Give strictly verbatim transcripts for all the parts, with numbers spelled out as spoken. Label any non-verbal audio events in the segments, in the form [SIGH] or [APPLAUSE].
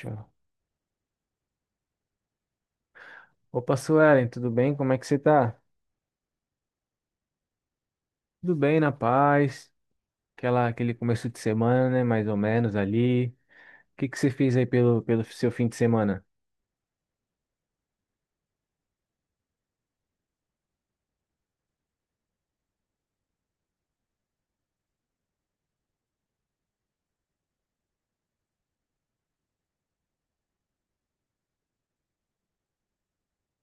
Show. Opa, Suelen, tudo bem? Como é que você tá? Tudo bem, na paz. Aquela, aquele começo de semana, né? Mais ou menos ali. O que que você fez aí pelo, pelo seu fim de semana?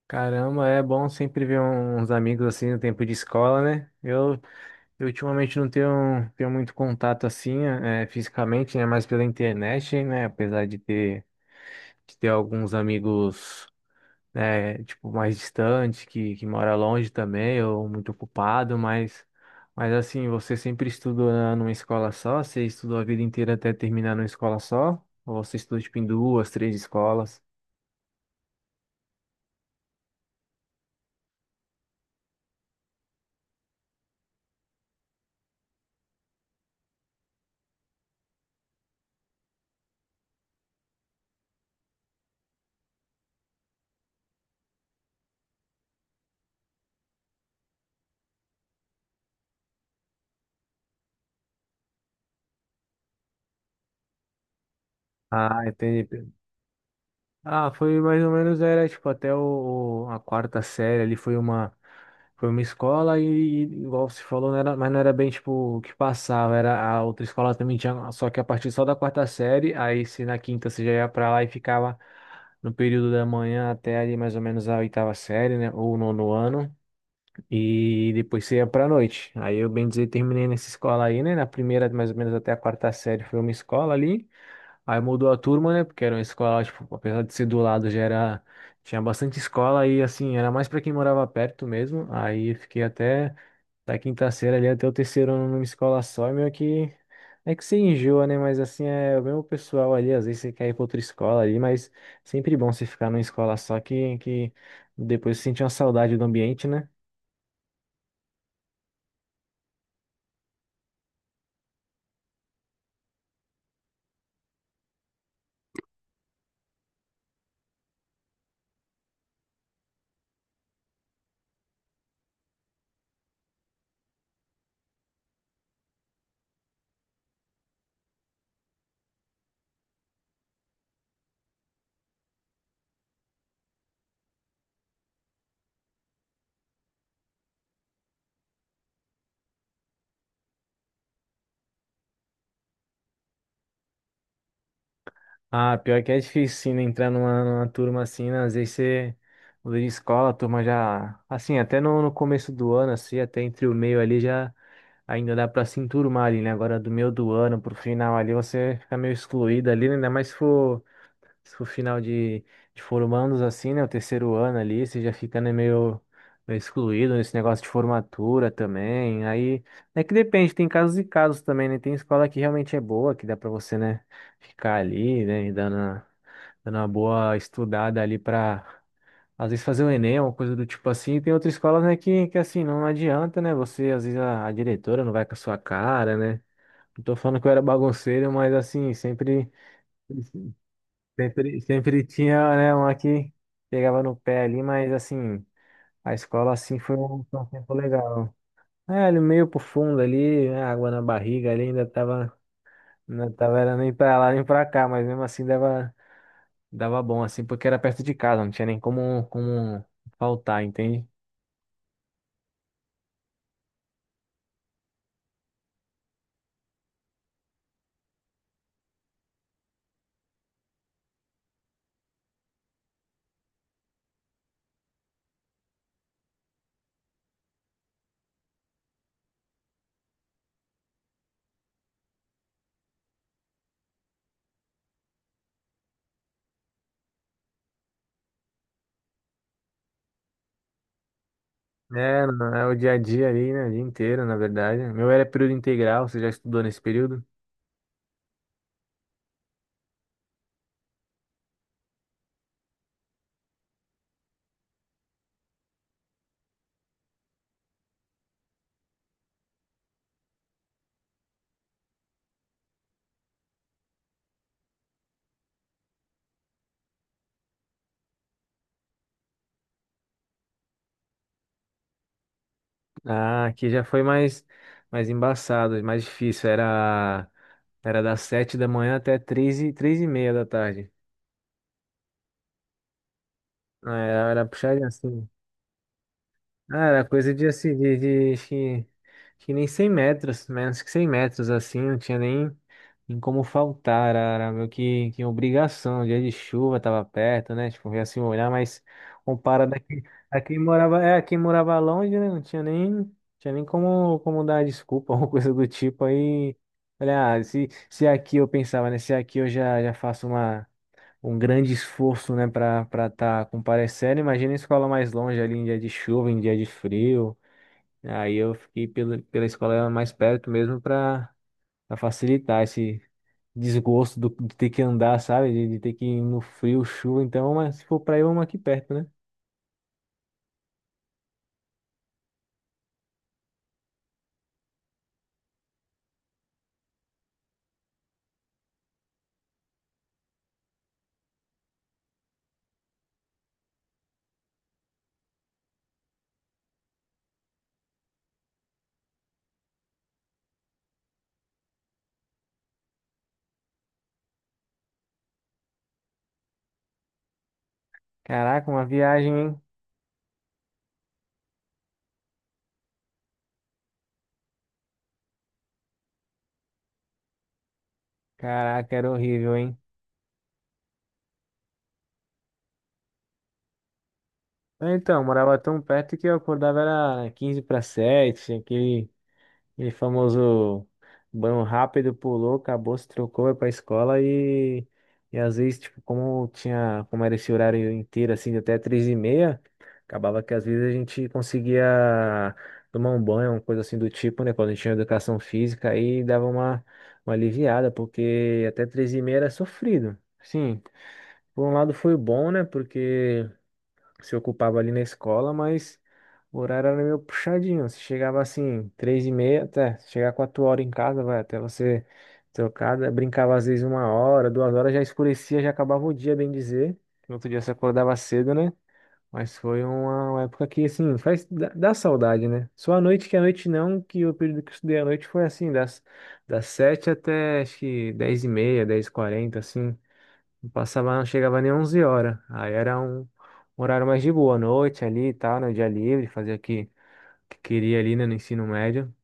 Caramba, é bom sempre ver um, uns amigos assim no tempo de escola, né? Eu, eu ultimamente não tenho, tenho muito contato assim, eh, fisicamente, né? Mais pela internet, né? Apesar de ter, de ter alguns amigos. Né, tipo, mais distante, que, que mora longe também, ou muito ocupado, mas, mas assim, você sempre estudou na- numa escola só? Você estudou a vida inteira até terminar numa escola só? Ou você estudou, tipo, em duas, três escolas? Ah, entendi. Ah, foi mais ou menos, era tipo até o, o- a quarta série ali foi uma foi uma escola e igual você falou, não era, mas não era bem tipo o que passava, era a outra escola também tinha, só que a partir só da quarta série, aí se na quinta você já ia pra lá e ficava no período da manhã até ali mais ou menos a oitava série, né, ou o nono ano, e depois você ia pra noite. Aí eu bem dizer terminei nessa escola aí, né, na primeira mais ou menos até a quarta série foi uma escola ali. Aí mudou a turma, né? Porque era uma escola, tipo, apesar de ser do lado, já era. Tinha bastante escola e, assim, era mais para quem morava perto mesmo. Aí fiquei até da quinta série ali até o terceiro ano numa escola só. E meio que. É que você enjoa, né? Mas, assim, é o mesmo pessoal ali. Às vezes você quer ir pra outra escola ali, mas sempre bom você ficar numa escola só que, que depois você sente uma saudade do ambiente, né? Ah, pior que é difícil, sim, né, entrar numa, numa turma assim, né? Às vezes você muda de escola, a turma já. Assim, até no, no começo do ano, assim, até entre o meio ali já ainda dá pra se enturmar ali, né? Agora do meio do ano pro final ali você fica meio excluído ali, né? Ainda mais se for, se for final de, de formandos, assim, né? O terceiro ano ali, você já fica, né, meio, meio excluído nesse negócio de formatura também. Aí é que depende, tem casos e casos também, né? Tem escola que realmente é boa, que dá pra você, né? Ficar ali, né, e dando dando uma boa estudada ali pra às vezes fazer o Enem, uma coisa do tipo assim. E tem outras escolas, né, que, que assim, não adianta, né? Você, às vezes, a, a diretora não vai com a sua cara, né? Não tô falando que eu era bagunceiro, mas assim, sempre, sempre, sempre tinha, né, uma que pegava no pé ali, mas assim, a escola assim foi um, foi um tempo legal. É, ele meio pro fundo ali, né, água na barriga ali, ainda tava, ainda tava, era nem pra lá nem pra cá, mas mesmo assim dava. Dava bom, assim, porque era perto de casa, não tinha nem como, como faltar, entende? É, não, é o dia a dia ali, né? O dia inteiro, na verdade. O meu era período integral, você já estudou nesse período? Ah, aqui já foi mais, mais embaçado, mais difícil. Era, era das sete da manhã até três e, três e meia da tarde. Ah, era, era puxadinho assim. Ah, era coisa de, assim, de, de acho que, acho que nem cem metros, menos que cem metros, assim, não tinha nem, nem como faltar, era, era meio que, que obrigação, dia de chuva tava perto, né, tipo, ia assim olhar, mas comparado aqui, aqui morava, é, aqui morava longe, né, não tinha nem, tinha nem como, como dar desculpa, [LAUGHS] alguma coisa do tipo, aí, olha, ah, se, se aqui eu pensava, né, se aqui eu já, já faço uma um grande esforço, né, para para estar comparecendo. Imagina a escola mais longe ali em dia de chuva, em dia de frio. Aí eu fiquei pela, pela escola mais perto mesmo para facilitar esse desgosto do, de ter que andar, sabe? De, de ter que ir no frio, chuva. Então, mas se for para ir, uma aqui perto, né? Caraca, uma viagem, hein? Caraca, era horrível, hein? Então, eu morava tão perto que eu acordava era quinze para sete, aquele e famoso banho rápido, pulou, acabou, se trocou, é pra escola e, e às vezes, tipo, como tinha, como era esse horário inteiro, assim, de até três e meia, acabava que às vezes a gente conseguia tomar um banho, uma coisa assim do tipo, né? Quando a gente tinha educação física, aí dava uma, uma aliviada, porque até três e meia era sofrido. Sim, por um lado foi bom, né? Porque se ocupava ali na escola, mas o horário era meio puxadinho. Você chegava assim, três e meia, até chegar quatro horas em casa, vai, até você trocada, brincava às vezes uma hora, duas horas, já escurecia, já acabava o dia, bem dizer. No outro dia você acordava cedo, né? Mas foi uma, uma época que, assim, faz, dá, dá saudade, né? Só a noite, que a noite não, que o período que eu estudei à noite foi assim, das, das sete até, acho que, dez e meia, dez e quarenta, assim. Não passava, não chegava nem onze horas. Aí era um um horário mais de boa, à noite ali e tal, no dia livre, fazia o que, que queria ali, né, no ensino médio.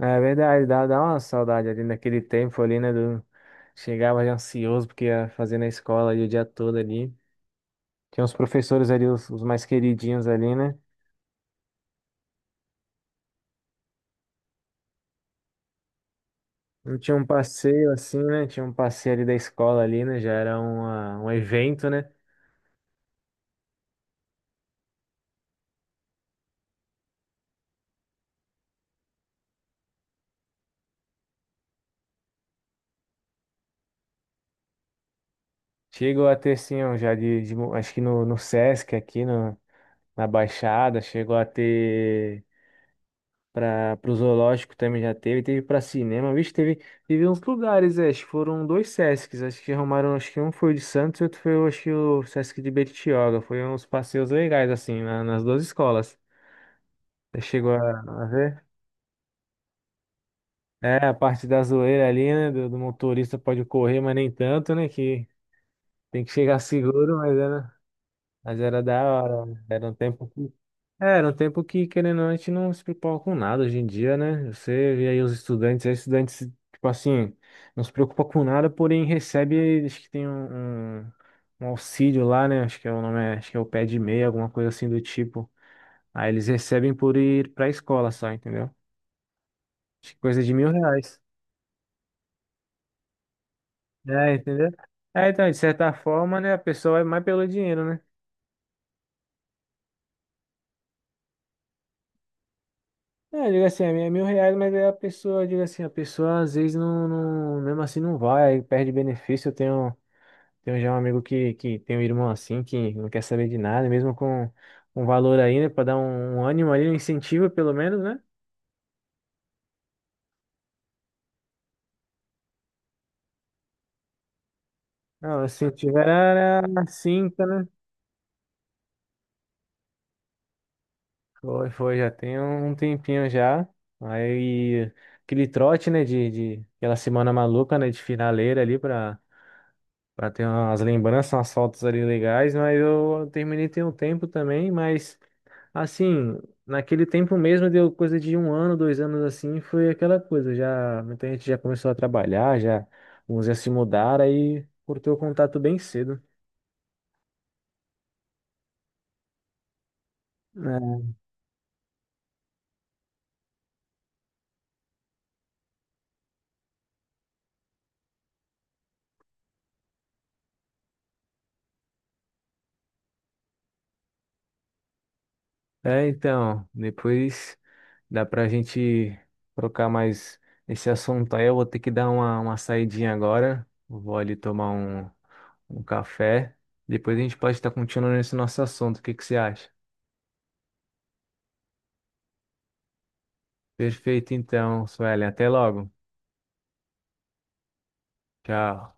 É verdade, dá, dá uma saudade ali naquele tempo ali, né, do... Chegava já ansioso porque ia fazer na escola ali o dia todo ali. Tinha os professores ali, os, os mais queridinhos ali, né? Não tinha um passeio assim, né? Tinha um passeio ali da escola ali, né? Já era uma, um evento, né? Chegou a ter, assim, um já de, de mo- acho que no, no Sesc aqui, no, na Baixada, chegou a ter para o zoológico também já teve, teve para cinema, vixe, teve, teve uns lugares, é, acho que foram dois Sescs, acho que arrumaram, acho que um foi o de Santos e outro foi, acho que o Sesc de Bertioga, foi uns passeios legais, assim, na- nas duas escolas. Você chegou a, a ver? É, a parte da zoeira ali, né, do, do motorista pode correr, mas nem tanto, né, que tem que chegar [LAUGHS] seguro, mas era, mas era da hora, né? Era um tempo é, era um tempo que, querendo ou não, a gente não se preocupa com nada hoje em dia, né? Você vê aí os estudantes, aí estudantes, tipo assim, não se preocupa com nada, porém recebe, acho que tem um, um, um auxílio lá, né? Acho que é o nome, é- acho que é o pé de meia, alguma coisa assim do tipo. Aí eles recebem por ir pra escola só, entendeu? Acho que coisa de mil reais. É, entendeu? É, então, de certa forma, né, a pessoa vai mais pelo dinheiro, né? É, eu digo assim, é mil reais, mas aí a pessoa, eu digo assim, a pessoa às vezes não, não- mesmo assim não vai, aí perde benefício. Eu tenho, Tenho já um amigo que, que tem um irmão assim, que não quer saber de nada, mesmo com um valor aí, né? Pra dar um, um ânimo ali, um incentivo pelo menos, né? Não, o incentivo era era cinta, né? Foi, foi, já tem um tempinho já. Aí, aquele trote, né? De, de aquela semana maluca, né? De finaleira ali pra, pra ter umas lembranças, umas fotos ali legais. Mas eu terminei tem um tempo também, mas. Assim, naquele tempo mesmo, deu coisa de um ano, dois anos assim, foi aquela coisa. Já, muita gente já começou a trabalhar, já uns já se mudaram, aí cortou o contato bem cedo. É, então, depois dá pra gente trocar mais esse assunto aí. Eu vou ter que dar uma, uma saidinha agora. Vou ali tomar um, um café. Depois a gente pode estar continuando esse nosso assunto. O que que você acha? Perfeito, então, Suelen. Até logo. Tchau.